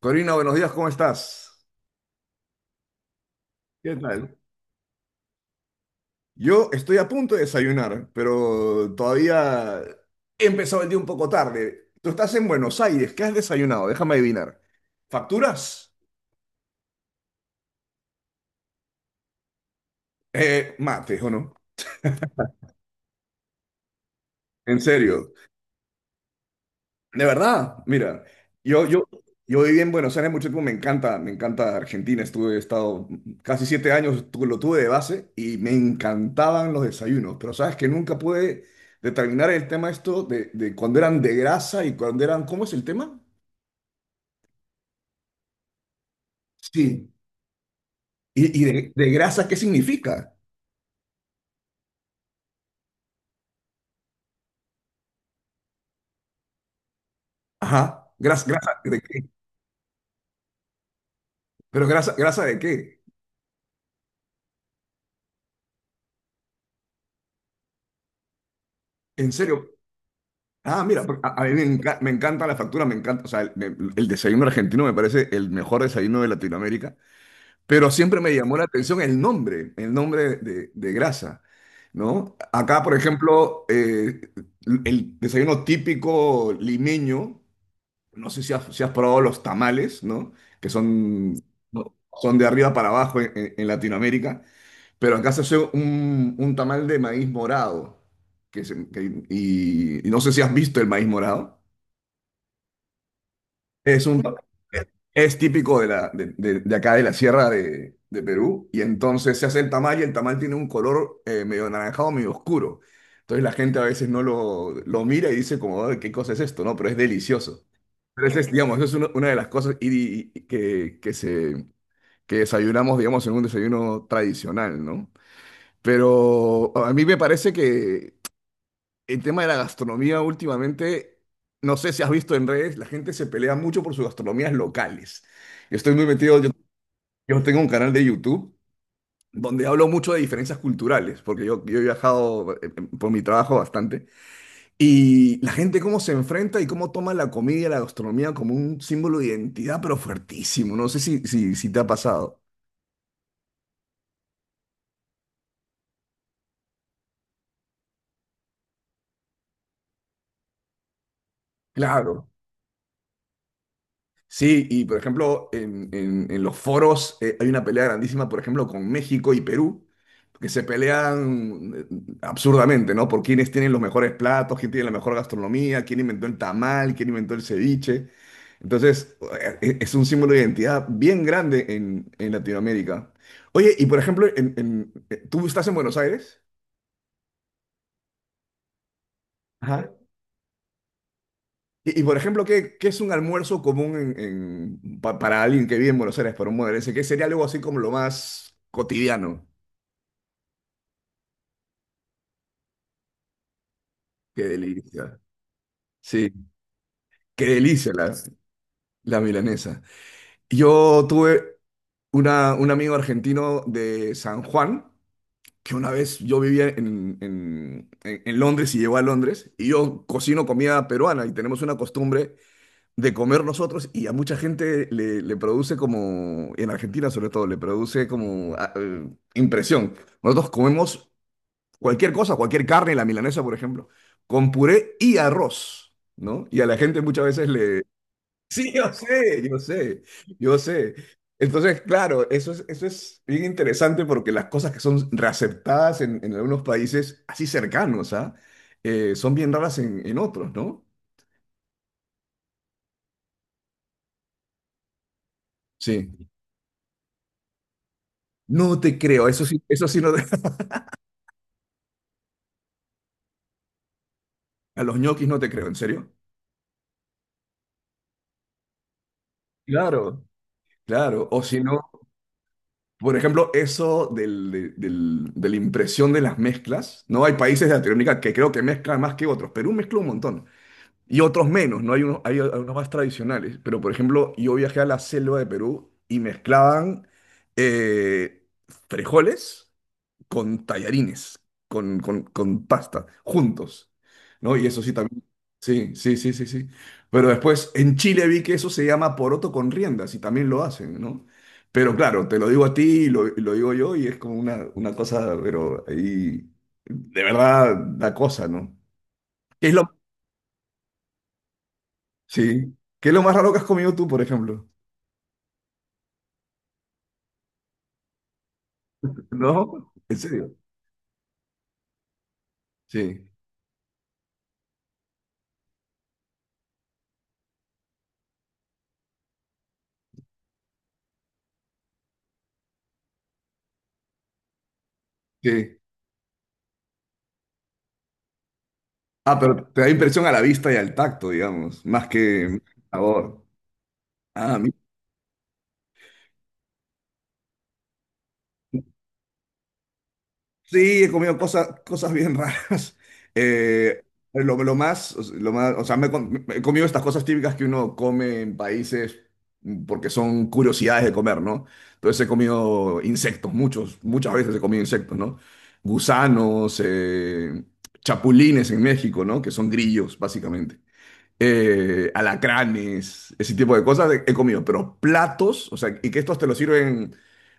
Corina, buenos días, ¿cómo estás? ¿Qué tal? Yo estoy a punto de desayunar, pero todavía he empezado el día un poco tarde. Tú estás en Buenos Aires, ¿qué has desayunado? Déjame adivinar. ¿Facturas? Mates, ¿o no? En serio. De verdad, mira, yo, yo, yo viví en Buenos Aires mucho tiempo, me encanta Argentina, estuve, he estado casi 7 años, lo tuve de base y me encantaban los desayunos, pero sabes que nunca pude determinar el tema esto de cuando eran de grasa y cuando eran, ¿cómo es el tema? Sí. ¿Y de grasa qué significa? Ajá, grasa, grasa de qué, pero grasa, grasa de qué, en serio. Ah, mira, a mí me, me encanta la factura, me encanta, o sea, el, el desayuno argentino me parece el mejor desayuno de Latinoamérica. Pero siempre me llamó la atención el nombre de grasa, ¿no? Acá, por ejemplo, el desayuno típico limeño, no sé si has, si has probado los tamales, ¿no? Que son, son de arriba para abajo en, en Latinoamérica, pero acá se hace un tamal de maíz morado, y no sé si has visto el maíz morado. Es un, es típico de, la, de, de acá de la sierra de Perú y entonces se hace el tamal y el tamal tiene un color medio anaranjado, medio oscuro. Entonces la gente a veces no lo mira y dice como, "Ay, ¿qué cosa es esto?". ¿No? Pero es delicioso. Pero ese es, digamos, esa es una de las cosas que desayunamos, digamos, en un desayuno tradicional, ¿no? Pero a mí me parece que el tema de la gastronomía últimamente, no sé si has visto en redes, la gente se pelea mucho por sus gastronomías locales. Yo estoy muy metido, yo tengo un canal de YouTube donde hablo mucho de diferencias culturales, porque yo he viajado por mi trabajo bastante, y la gente cómo se enfrenta y cómo toma la comida y la gastronomía como un símbolo de identidad, pero fuertísimo. No sé si te ha pasado. Claro. Sí, y por ejemplo, en, en los foros hay una pelea grandísima, por ejemplo, con México y Perú, que se pelean absurdamente, ¿no? Por quiénes tienen los mejores platos, quién tiene la mejor gastronomía, quién inventó el tamal, quién inventó el ceviche. Entonces, es un símbolo de identidad bien grande en Latinoamérica. Oye, y por ejemplo, ¿tú estás en Buenos Aires? Por ejemplo, ¿ qué es un almuerzo común en, para alguien que vive en Buenos Aires, para un modelense? ¿Qué sería algo así como lo más cotidiano? Qué delicia. Sí, qué delicia la, la milanesa. Yo tuve una, un amigo argentino de San Juan, que una vez yo vivía en, en Londres y llegó a Londres, y yo cocino comida peruana y tenemos una costumbre de comer nosotros y a mucha gente le, le produce como, en Argentina sobre todo, le produce como impresión. Nosotros comemos cualquier cosa, cualquier carne, la milanesa, por ejemplo, con puré y arroz, ¿no? Y a la gente muchas veces le... Sí, yo sé, yo sé, yo sé. Entonces, claro, eso es bien interesante porque las cosas que son reaceptadas en algunos países así cercanos, ¿ah? Son bien raras en otros, ¿no? Sí. No te creo, eso sí no, a los ñoquis no te creo, ¿en serio? Claro, claro. O si no, por ejemplo, eso del, de la impresión de las mezclas, ¿no? Hay países de Latinoamérica que creo que mezclan más que otros. Perú mezcla un montón. Y otros menos, ¿no? Hay unos más tradicionales. Pero, por ejemplo, yo viajé a la selva de Perú y mezclaban eh, frijoles con tallarines, con pasta, juntos, ¿no? Y eso sí también. Sí, sí, sí, sí, sí. Pero después en Chile vi que eso se llama poroto con riendas y también lo hacen, ¿no? Pero claro, te lo digo a ti y lo digo yo y es como una cosa, pero ahí de verdad da cosa, ¿no? ¿Qué es lo, sí, ¿qué es lo más raro que has comido tú, por ejemplo? ¿No? ¿En serio? Sí, sí. Ah, pero te da impresión a la vista y al tacto, digamos, más que sabor. Ah, mira. Sí, he comido cosas, cosas bien raras. Eh, lo más, o sea, me, me he comido estas cosas típicas que uno come en países, mm, porque son curiosidades de comer, ¿no? Entonces he comido insectos, muchos, muchas veces he comido insectos, ¿no? Gusanos, chapulines en México, ¿no? Que son grillos, básicamente alacranes, ese tipo de cosas he comido, pero platos, o sea, y que estos te los sirven,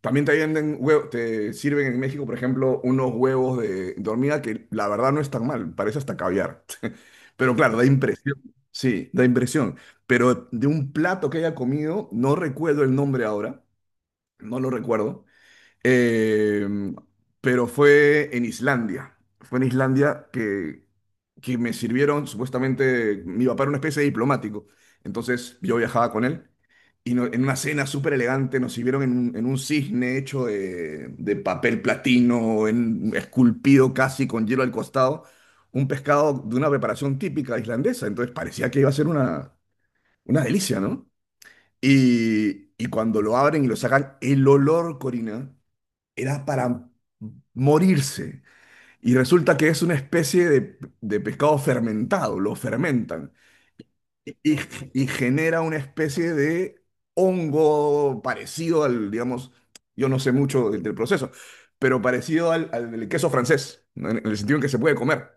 también te venden huevos, te sirven en México, por ejemplo, unos huevos de hormiga que la verdad no es tan mal, parece hasta caviar, pero claro, da impresión, sí, da impresión, pero de un plato que haya comido, no recuerdo el nombre ahora, no lo recuerdo, eh, pero fue en Islandia. Fue en Islandia que me sirvieron, supuestamente, mi papá era una especie de diplomático. Entonces yo viajaba con él y en una cena súper elegante nos sirvieron en un cisne hecho de papel platino, esculpido casi con hielo al costado, un pescado de una preparación típica islandesa. Entonces parecía que iba a ser una delicia, ¿no? Y cuando lo abren y lo sacan, el olor, Corina, era para morirse. Y resulta que es una especie de pescado fermentado, lo fermentan y, y- y genera una especie de hongo parecido al, digamos, yo no sé mucho del proceso, pero parecido al, al del queso francés, ¿no?, en el sentido en que se puede comer.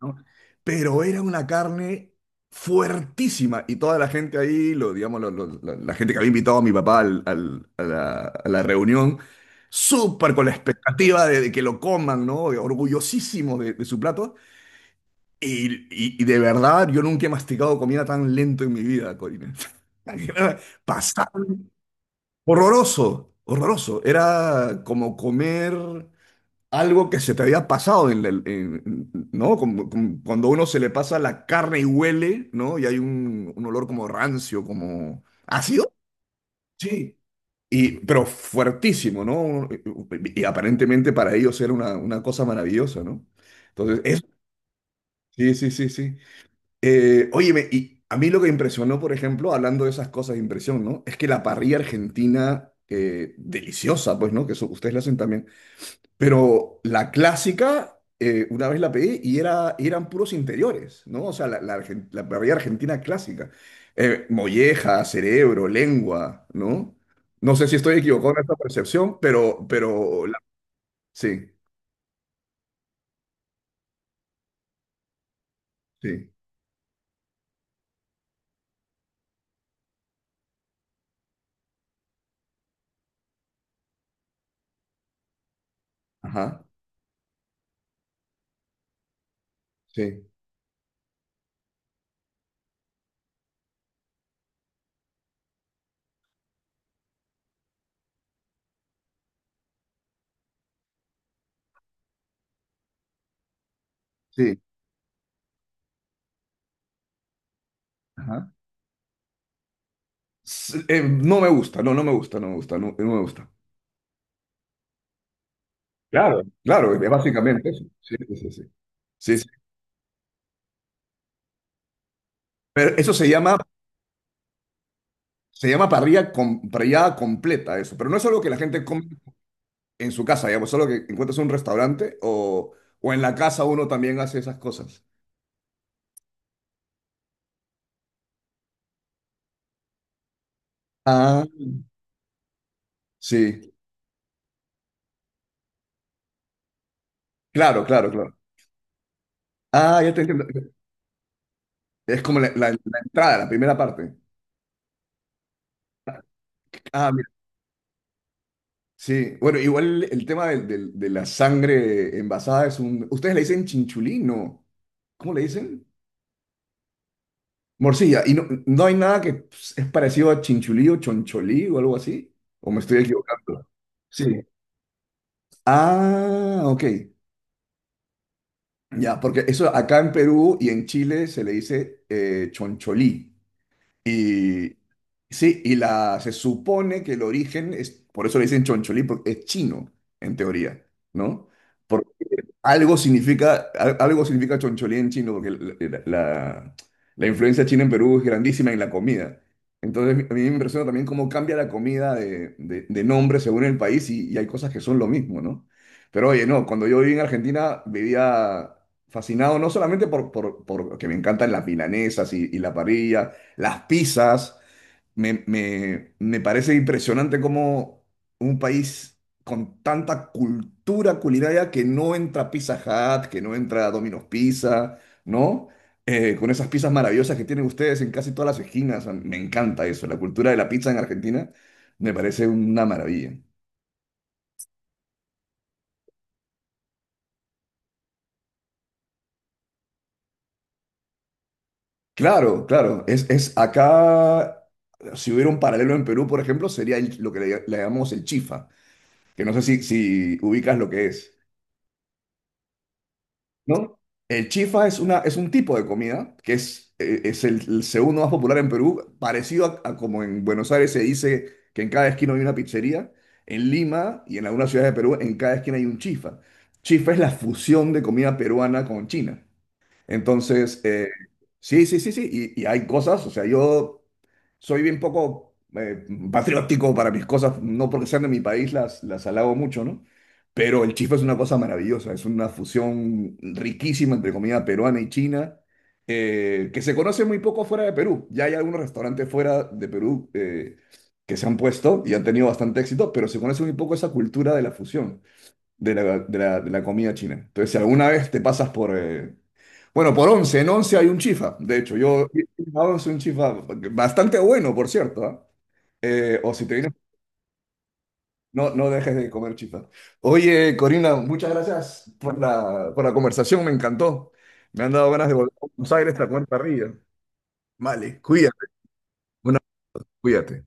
¿No? Pero era una carne fuertísima y toda la gente ahí, lo, digamos, la, la gente que había invitado a mi papá a la reunión, súper con la expectativa de que lo coman, ¿no?, orgullosísimo de su plato. Y de verdad, yo nunca he masticado comida tan lento en mi vida, Corina. Pasaba, horroroso, horroroso. Era como comer algo que se te había pasado en ¿no? Como cuando uno se le pasa la carne y huele, ¿no? Y hay un olor como rancio, como ácido. Sí, pero fuertísimo, ¿no? Y aparentemente para ellos era una cosa maravillosa, ¿no? Entonces, eso, sí, sí, sí, sí. Óyeme, y a mí lo que me impresionó, por ejemplo, hablando de esas cosas de impresión, ¿no? Es que la parrilla argentina, deliciosa, pues, ¿no? Que eso, ustedes la hacen también. Pero la clásica, una vez la pedí y era, eran puros interiores, ¿no? O sea, la, la parrilla argentina clásica. Molleja, cerebro, lengua, ¿no? No sé si estoy equivocado en esta percepción, pero, sí, sí, ajá, sí, sí, ajá. No me gusta, no, no me gusta, no me gusta, no, no me gusta. Claro. Claro, es básicamente eso. Sí, sí, sí, sí. Sí, sí. Pero eso se llama parrillada completa, eso. Pero no es algo que la gente come en su casa, digamos, solo que encuentras un restaurante o en la casa uno también hace esas cosas. Ah, sí, claro, claro, claro. Ah, ya te entiendo. Es como la, la entrada, la primera parte. Ah, mira, sí. Bueno, igual el tema de la sangre envasada es un... ¿Ustedes le dicen chinchulín? No. ¿Cómo le dicen? Morcilla. ¿Y no hay nada que es parecido a chinchulí o choncholí o algo así? ¿O me estoy equivocando? Sí. Ah, ok. Ya, porque eso acá en Perú y en Chile se le dice choncholí. Y sí, y la, se supone que el origen es, por eso le dicen choncholí, porque es chino, en teoría, ¿no? Algo significa, algo significa choncholí en chino, porque la, la influencia china en Perú es grandísima en la comida. Entonces, a mí me impresiona también cómo cambia la comida de, de nombre según el país y hay cosas que son lo mismo, ¿no? Pero oye, no, cuando yo viví en Argentina vivía fascinado, no solamente por, que me encantan las milanesas y la parrilla, las pizzas, me, me parece impresionante cómo un país con tanta cultura culinaria que no entra Pizza Hut, que no entra Domino's Pizza, ¿no? Con esas pizzas maravillosas que tienen ustedes en casi todas las esquinas. A mí me encanta eso. La cultura de la pizza en Argentina me parece una maravilla. Claro, claro. Es acá, si hubiera un paralelo en Perú, por ejemplo, sería lo que le llamamos el chifa, que no sé si ubicas lo que es. ¿No? El chifa es, una, es un tipo de comida que es el segundo más popular en Perú, parecido a como en Buenos Aires se dice que en cada esquina hay una pizzería, en Lima y en algunas ciudades de Perú en cada esquina hay un chifa. Chifa es la fusión de comida peruana con China. Entonces, sí, sí, sí, sí, y hay cosas, o sea, yo soy bien poco patriótico para mis cosas, no porque sean de mi país, las alabo mucho, ¿no? Pero el chifa es una cosa maravillosa, es una fusión riquísima entre comida peruana y china, que se conoce muy poco fuera de Perú. Ya hay algunos restaurantes fuera de Perú que se han puesto y han tenido bastante éxito, pero se conoce muy poco esa cultura de la fusión de la, de la comida china. Entonces, si alguna vez te pasas por... bueno, por Once, en Once hay un chifa. De hecho, yo a Once un chifa bastante bueno, por cierto. ¿Ah? O si te vienes, no, no dejes de comer chifa. Oye, Corina, muchas gracias por la conversación, me encantó. Me han dado ganas de volver a Buenos Aires a comer parrilla. Vale, cuídate. Una, cuídate.